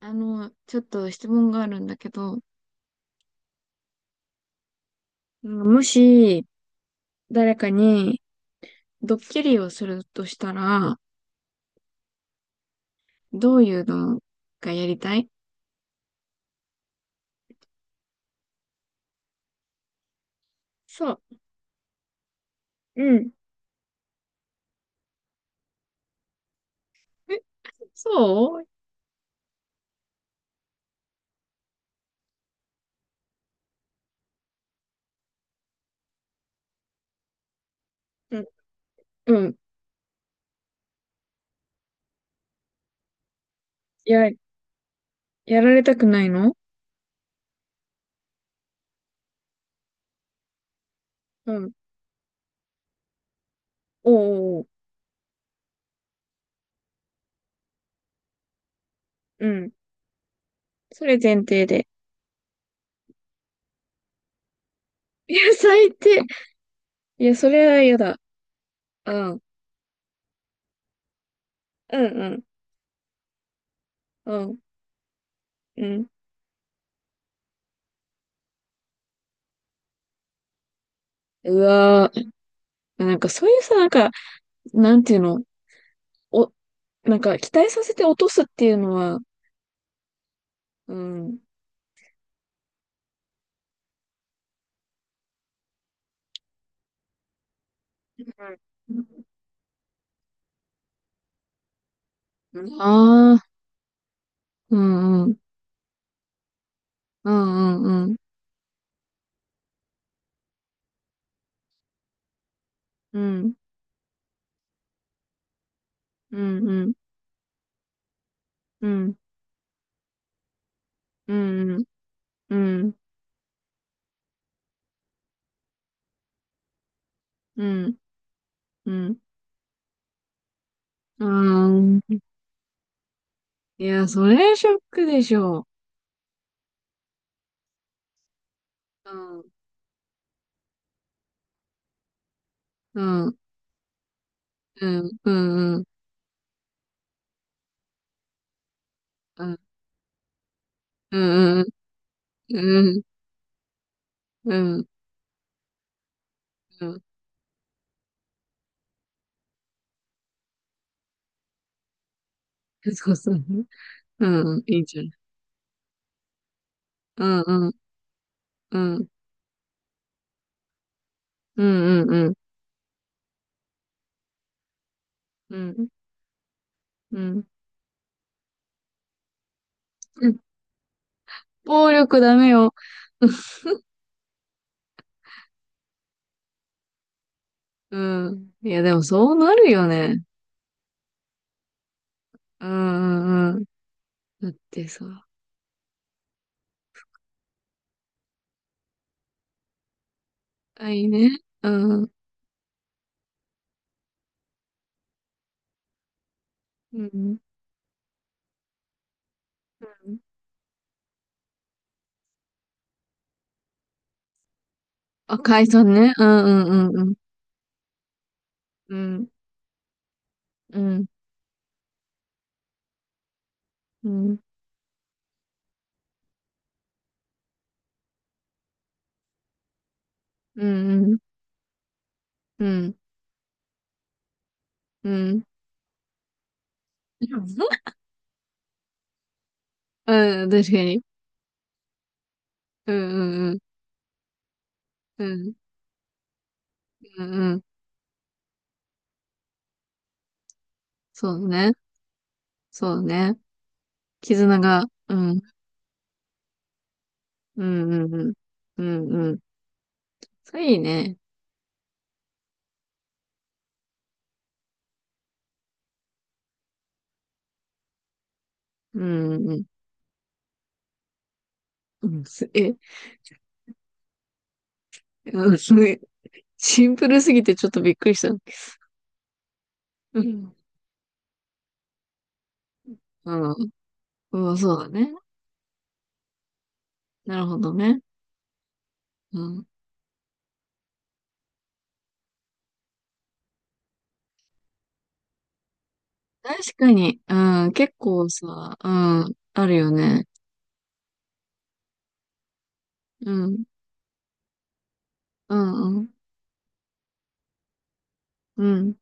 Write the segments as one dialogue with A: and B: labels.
A: ちょっと質問があるんだけど、もし誰かにドッキリをするとしたら、どういうのがやりたい？そう。うん。え、そう。うん、うん。や、やられたくないの。うん。おうおうおう。うん。それ前提で。いや、最低。いや、それは嫌だ。うん。うんうん。うん。うん。うわー。なんかそういうさ、なんか、なんていうのお、なんか期待させて落とすっていうのは。うん。うんああ、うんうん、うんうんうん、うん、うんうん、うん、うん、うん、うん、うん、うん。いや、それショックでしょう。うん、うん、うん、うん、うん、うん、うん、うん、うん、うん、うん、そうそう、うん、うん、いいじゃん。うん、うん、うん、うん、うん、うん、うん、うん。暴力ダメよ。うん。いや、でもそうなるよね。うんうんうん。だってさ、あ、いいね。うん。うん。うんあ、解散ね。うんうんうんうん。うん。うん。うん。うん。うん。うん。うん。確かに。うんうんうん。うん。うんうん。そうね。そうね。絆が。うん。うんうんうん。うんうん。それいいね。うんうん。うんす、え、うん、すごい。シンプルすぎてちょっとびっくりした。うん。うん。うん、そうだね。なるほどね。うん。確かに、うん、結構さ、うん、あるよね。うん、うん、うん、うん。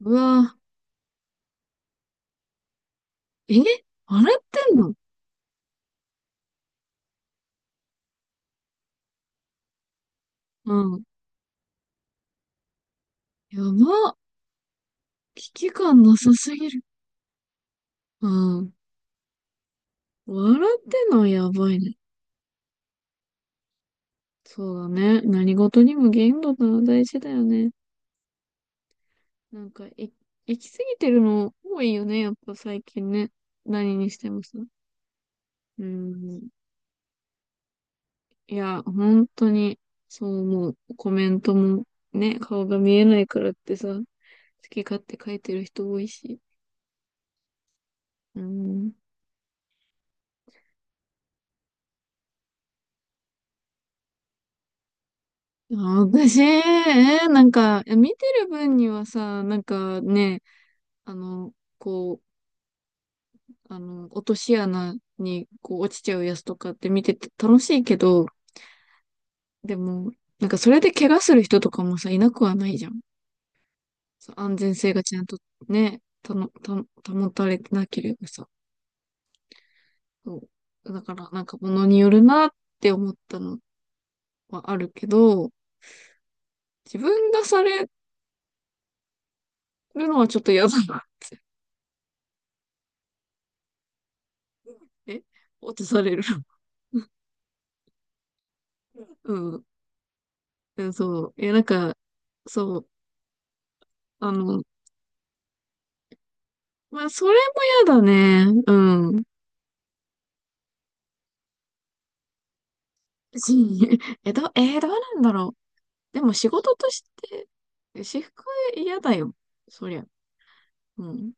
A: うわ、え、あれってんの。うん。やば。危機感なさすぎる。うん。笑ってんのはやばいね。そうだね。何事にも限度ってのは大事だよね。なんか、行き過ぎてるの多いよね。やっぱ最近ね。何にしてもさ。うん。いや、本当に、そう思う。コメントもね、顔が見えないからってさ、好き勝手書いてる人多いし。うん。あ、私、なんか、いや見てる分にはさ、なんかね、あの、こう、落とし穴にこう落ちちゃうやつとかって見てて楽しいけど、でも、なんかそれで怪我する人とかもさ、いなくはないじゃん。そう、安全性がちゃんとね、たの、た、保たれてなければさ。そう。だから、なんか物によるなって思ったのはあるけど、自分がされるのはちょっと嫌だなって。え、落とされる。うん。えそう。え、なんか、そう。あの、まあ、それも嫌だね。うん。し え、ど、えーどうなんだろう。でも仕事として、私服嫌だよ。そりゃ。うん。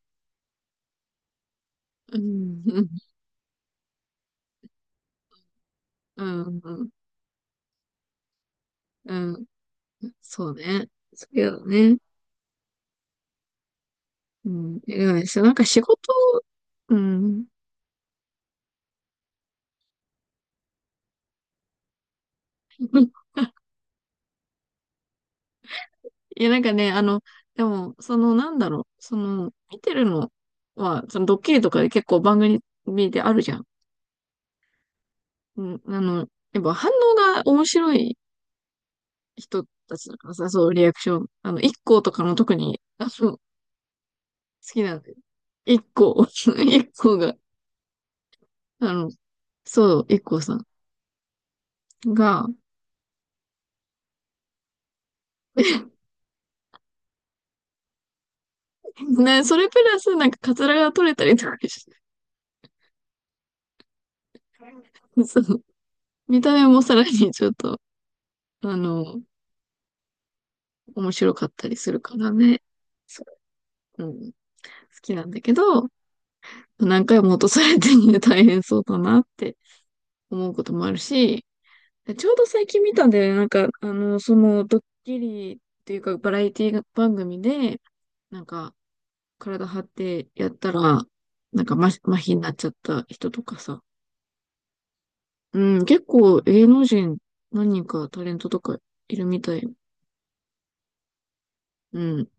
A: うん。うん。うん。うん、そうね。そう嫌だね。うん。いやでもね、そうなんか仕事。うん。いや、なんかね、でも、その、なんだろう、その、見てるのは、その、ドッキリとかで結構番組であるじゃん。うん、やっぱ反応が面白い人たちだからさ、そう、リアクション。一行とかの特に、好きなんで。一行、一行が、あの、そう、一行さんが、ね、それプラス、なんか、カツラが取れたりとかして、そう、見た目もさらにちょっと、あの、面白かったりするからね。そううん、好きなんだけど、何回も落とされてね、大変そうだなって思うこともあるし、ちょうど最近見たんだよね。なんか、その、ドッキリっていうか、バラエティ番組で、なんか、体張ってやったら、なんか、麻痺になっちゃった人とかさ。うん、結構、芸能人、何人かタレントとかいるみたい。うん。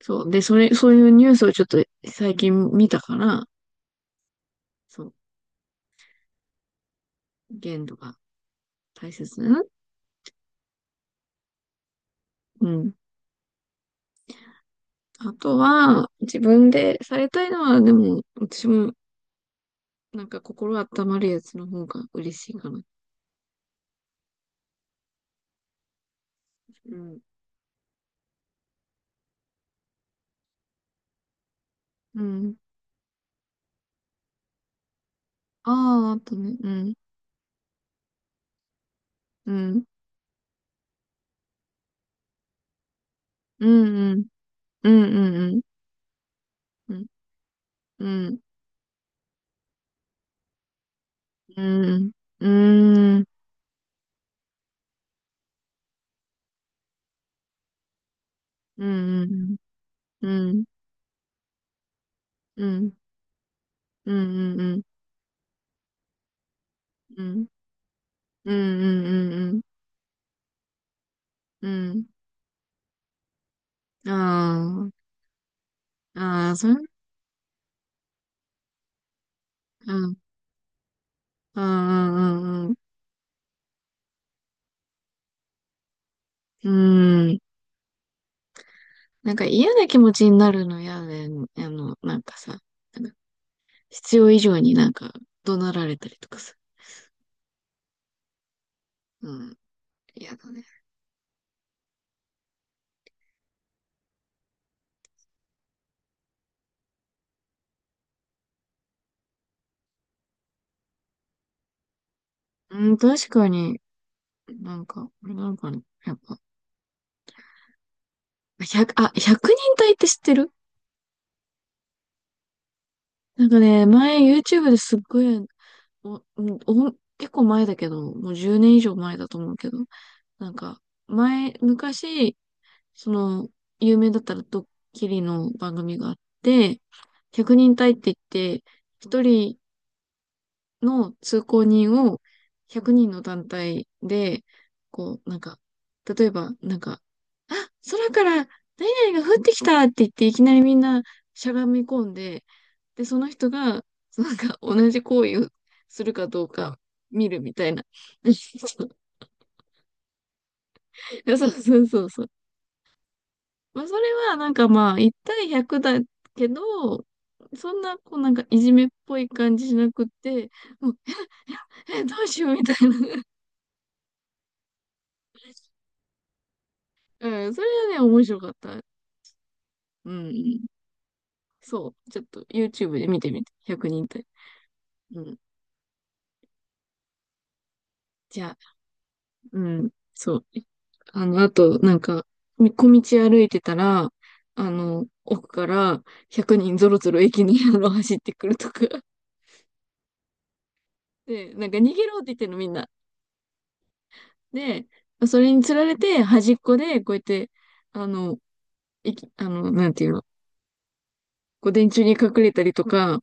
A: そう。で、そういうニュースをちょっと最近見たから、そう。限度が大切なの。うん。あとは、自分でされたいのは、でも、私も、なんか心温まるやつの方が嬉しいかな。うん。うん。ああ、あとね、うん。うん。うん、うん。うん、うん、うん。うん、うん。うん、うん、うん。うん、うん、うん。うん、うん、うん。うん。ああ、ああ、それ、うん、うん、うん、うん。なんか嫌な気持ちになるの嫌で、なんかさ、なんか必要以上になんか怒鳴られたりとかさ。うん、嫌だね。うん、確かに、なんか、あれなのかな。やっぱ、100、あ、1人隊って知ってる？なんかね、前 YouTube ですっごい、お、お、結構前だけど、もう10年以上前だと思うけど、なんか、前、昔、その、有名だったらドッキリの番組があって、100人隊って言って、一人の通行人を100人の団体で、こう、なんか、例えば、なんか、あ、空から何々が降ってきたって言って、いきなりみんなしゃがみ込んで、で、その人が、そのなんか、同じ行為をするかどうか見るみたいな。そうそうそうそう。まあ、それは、なんかまあ、1対100だけど、そんな、こう、なんか、いじめっぽい感じしなくって、もう、え、どうしようみたいな。うん、それはね、面白かった。うん。そう。ちょっと YouTube で見てみて。100人隊。うん。じゃあ、うん。そう。あと、なんか、小道歩いてたら、奥から100人ぞろぞろ駅に走ってくるとか。で、なんか逃げろって言ってんのみんな。で、それにつられて端っこでこうやって、あの、なんていうの、こう電柱に隠れたりとか、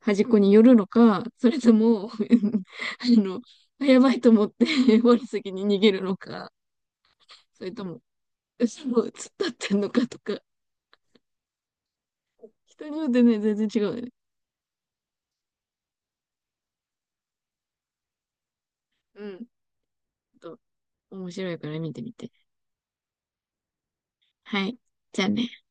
A: 端っこに寄るのか、それとも、あの、あやばいと思って 我先に逃げるのか、それとも、後ろを突っ立ってんのかとか、人によってね、全然違うよね。うん。と、面白いから見てみて。はい。じゃあね。